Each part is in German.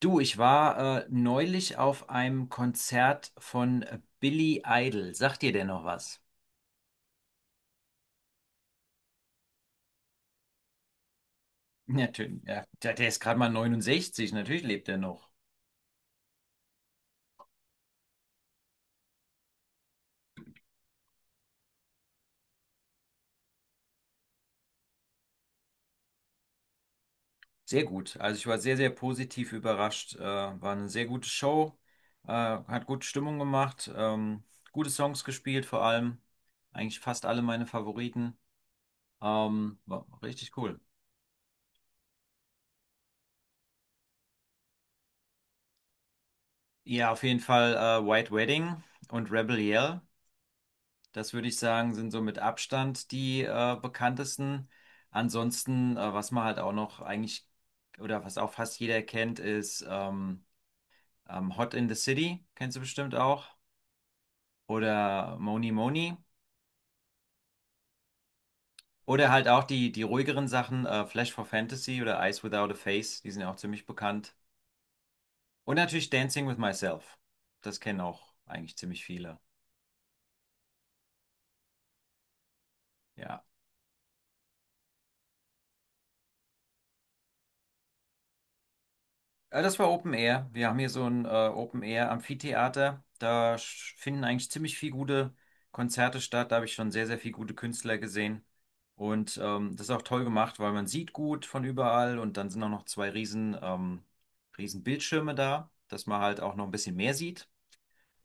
Du, ich war neulich auf einem Konzert von Billy Idol. Sagt dir der noch was? Natürlich, ja. Der ist gerade mal 69, natürlich lebt er noch. Sehr gut. Also ich war sehr, sehr positiv überrascht. War eine sehr gute Show, hat gute Stimmung gemacht, gute Songs gespielt vor allem. Eigentlich fast alle meine Favoriten. War richtig cool. Ja, auf jeden Fall White Wedding und Rebel Yell. Das würde ich sagen, sind so mit Abstand die bekanntesten. Ansonsten, was man halt auch noch eigentlich oder was auch fast jeder kennt, ist Hot in the City, kennst du bestimmt auch. Oder Moni Moni. Oder halt auch die ruhigeren Sachen, Flash for Fantasy oder Eyes Without a Face, die sind ja auch ziemlich bekannt. Und natürlich Dancing with Myself. Das kennen auch eigentlich ziemlich viele. Ja. Das war Open Air. Wir haben hier so ein Open Air Amphitheater. Finden eigentlich ziemlich viel gute Konzerte statt. Da habe ich schon sehr, sehr viel gute Künstler gesehen. Und das ist auch toll gemacht, weil man sieht gut von überall und dann sind auch noch zwei riesen, riesen Bildschirme da, dass man halt auch noch ein bisschen mehr sieht.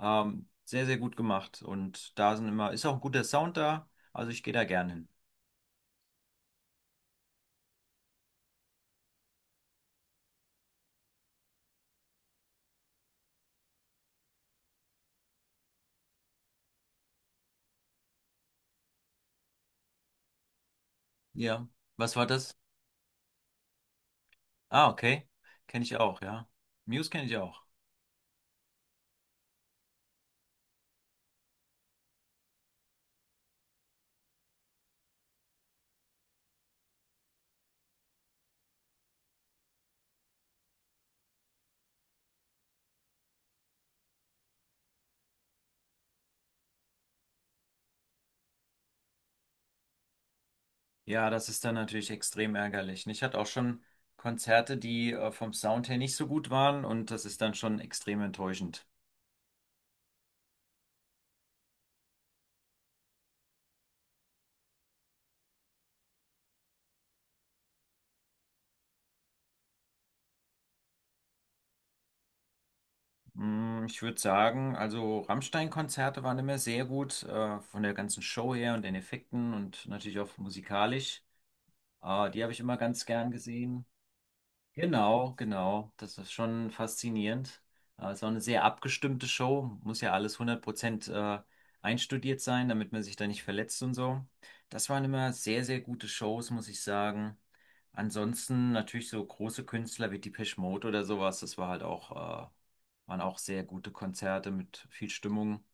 Sehr, sehr gut gemacht. Und da sind ist auch ein guter Sound da. Also ich gehe da gern hin. Ja. Was war das? Ah, okay. Kenne ich auch, ja. Muse kenne ich auch. Ja, das ist dann natürlich extrem ärgerlich. Und ich hatte auch schon Konzerte, die vom Sound her nicht so gut waren, und das ist dann schon extrem enttäuschend. Mm, ich würde sagen, also Rammstein-Konzerte waren immer sehr gut, von der ganzen Show her und den Effekten und natürlich auch musikalisch. Die habe ich immer ganz gern gesehen. Genau, genau. Das ist schon faszinierend. Es war eine sehr abgestimmte Show. Muss ja alles 100% einstudiert sein, damit man sich da nicht verletzt und so. Das waren immer sehr, sehr gute Shows, muss ich sagen. Ansonsten natürlich so große Künstler wie Depeche Mode oder sowas. Das war halt auch, waren auch sehr gute Konzerte mit viel Stimmung.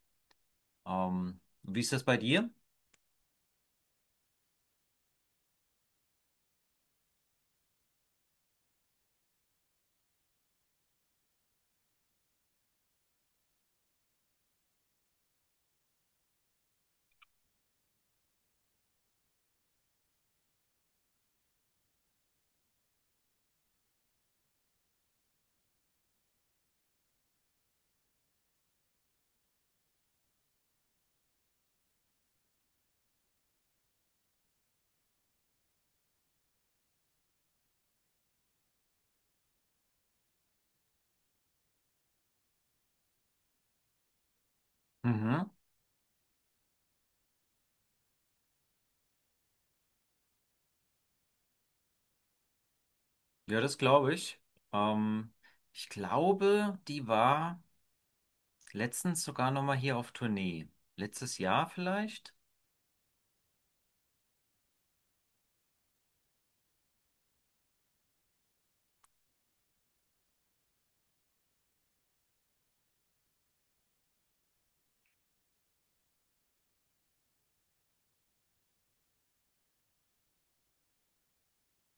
Wie ist das bei dir? Mhm. Ja, das glaube ich. Ähm, Ich glaube, die war letztens sogar nochmal hier auf Tournee. Letztes Jahr vielleicht?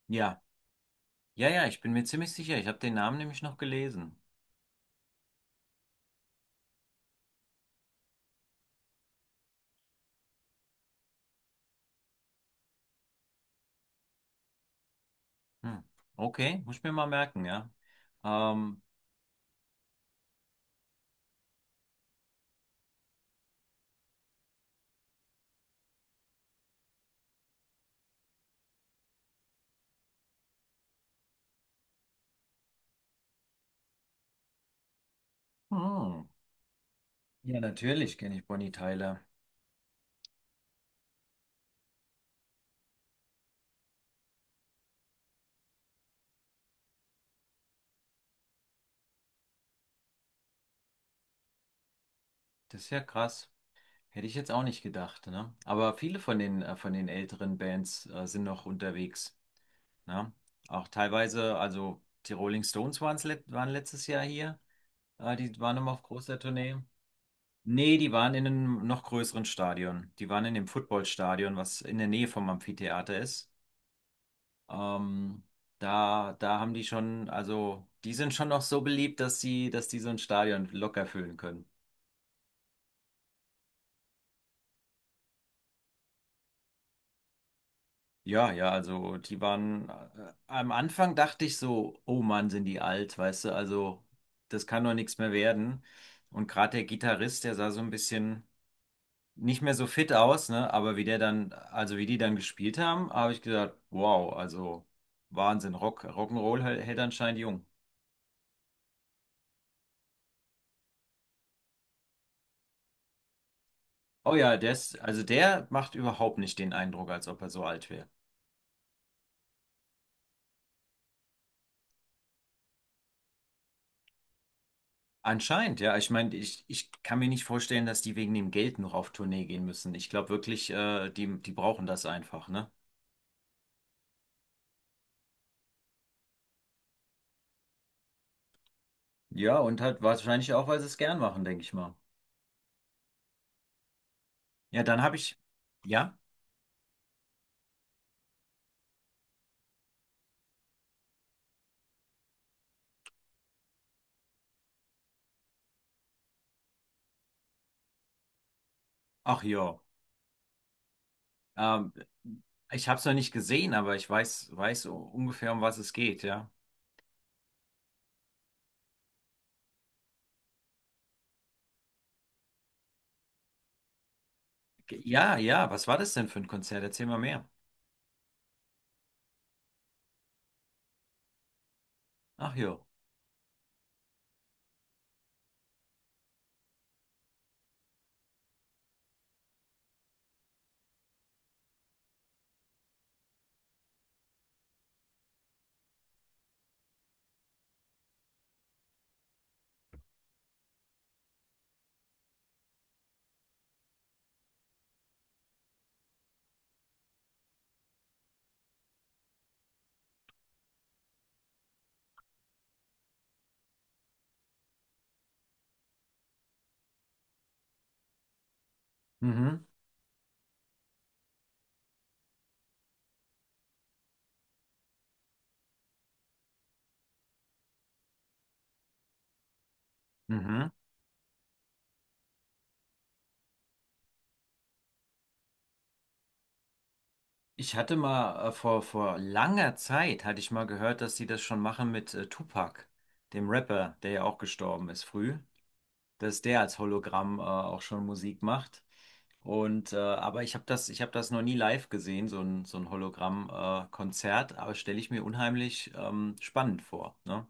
Ja, ja, ja, ich bin mir ziemlich sicher. Ich habe den Namen nämlich noch gelesen. Hm. Okay, muss ich mir mal merken, ja. Ähm, hm. Ja, natürlich kenne ich Bonnie Tyler. Das ist ja krass. Hätte ich jetzt auch nicht gedacht, ne? Aber viele von den älteren Bands, sind noch unterwegs, ne? Auch teilweise, also die Rolling Stones waren letztes Jahr hier. Die waren immer auf großer Tournee. Nee, die waren in einem noch größeren Stadion. Die waren in dem Footballstadion, was in der Nähe vom Amphitheater ist. Ähm, da haben die schon, also die sind schon noch so beliebt, dass die so ein Stadion locker füllen können. Ja, ja, also die waren, am Anfang dachte ich so, oh Mann, sind die alt, weißt du, also das kann doch nichts mehr werden. Und gerade der Gitarrist, der sah so ein bisschen nicht mehr so fit aus, ne? Aber wie also wie die dann gespielt haben, habe ich gedacht, wow, also Wahnsinn, Rock, Rock'n'Roll hält anscheinend jung. Oh ja, der ist, also der macht überhaupt nicht den Eindruck, als ob er so alt wäre. Anscheinend, ja. Ich meine, ich kann mir nicht vorstellen, dass die wegen dem Geld noch auf Tournee gehen müssen. Ich glaube wirklich, die brauchen das einfach, ne? Ja, und halt wahrscheinlich auch, weil sie es gern machen, denke ich mal. Ja, dann habe ich, ja, ach ja. Ähm, Ich habe es noch nicht gesehen, aber ich weiß, ungefähr, um was es geht, ja. Ja, ja, was war das denn für ein Konzert? Erzähl mal mehr. Ach jo. Mhm, mhm. Ich hatte mal vor langer Zeit, hatte ich mal gehört, dass sie das schon machen mit Tupac, dem Rapper, der ja auch gestorben ist früh, dass der als Hologramm auch schon Musik macht. Und aber ich habe das noch nie live gesehen, so ein Hologramm-Konzert, aber stelle ich mir unheimlich spannend vor, ne?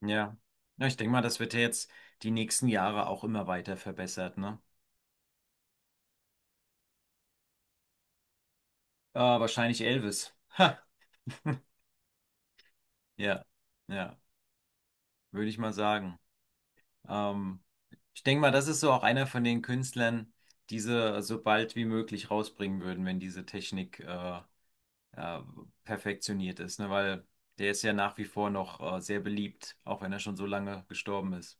Ja. Ja, ich denke mal, das wird ja jetzt die nächsten Jahre auch immer weiter verbessert, ne? Ah, wahrscheinlich Elvis. Ha. Ja, ja, würde ich mal sagen. Ähm, Ich denke mal, das ist so auch einer von den Künstlern, die sie so bald wie möglich rausbringen würden, wenn diese Technik äh, perfektioniert ist, ne? Weil der ist ja nach wie vor noch sehr beliebt, auch wenn er schon so lange gestorben ist.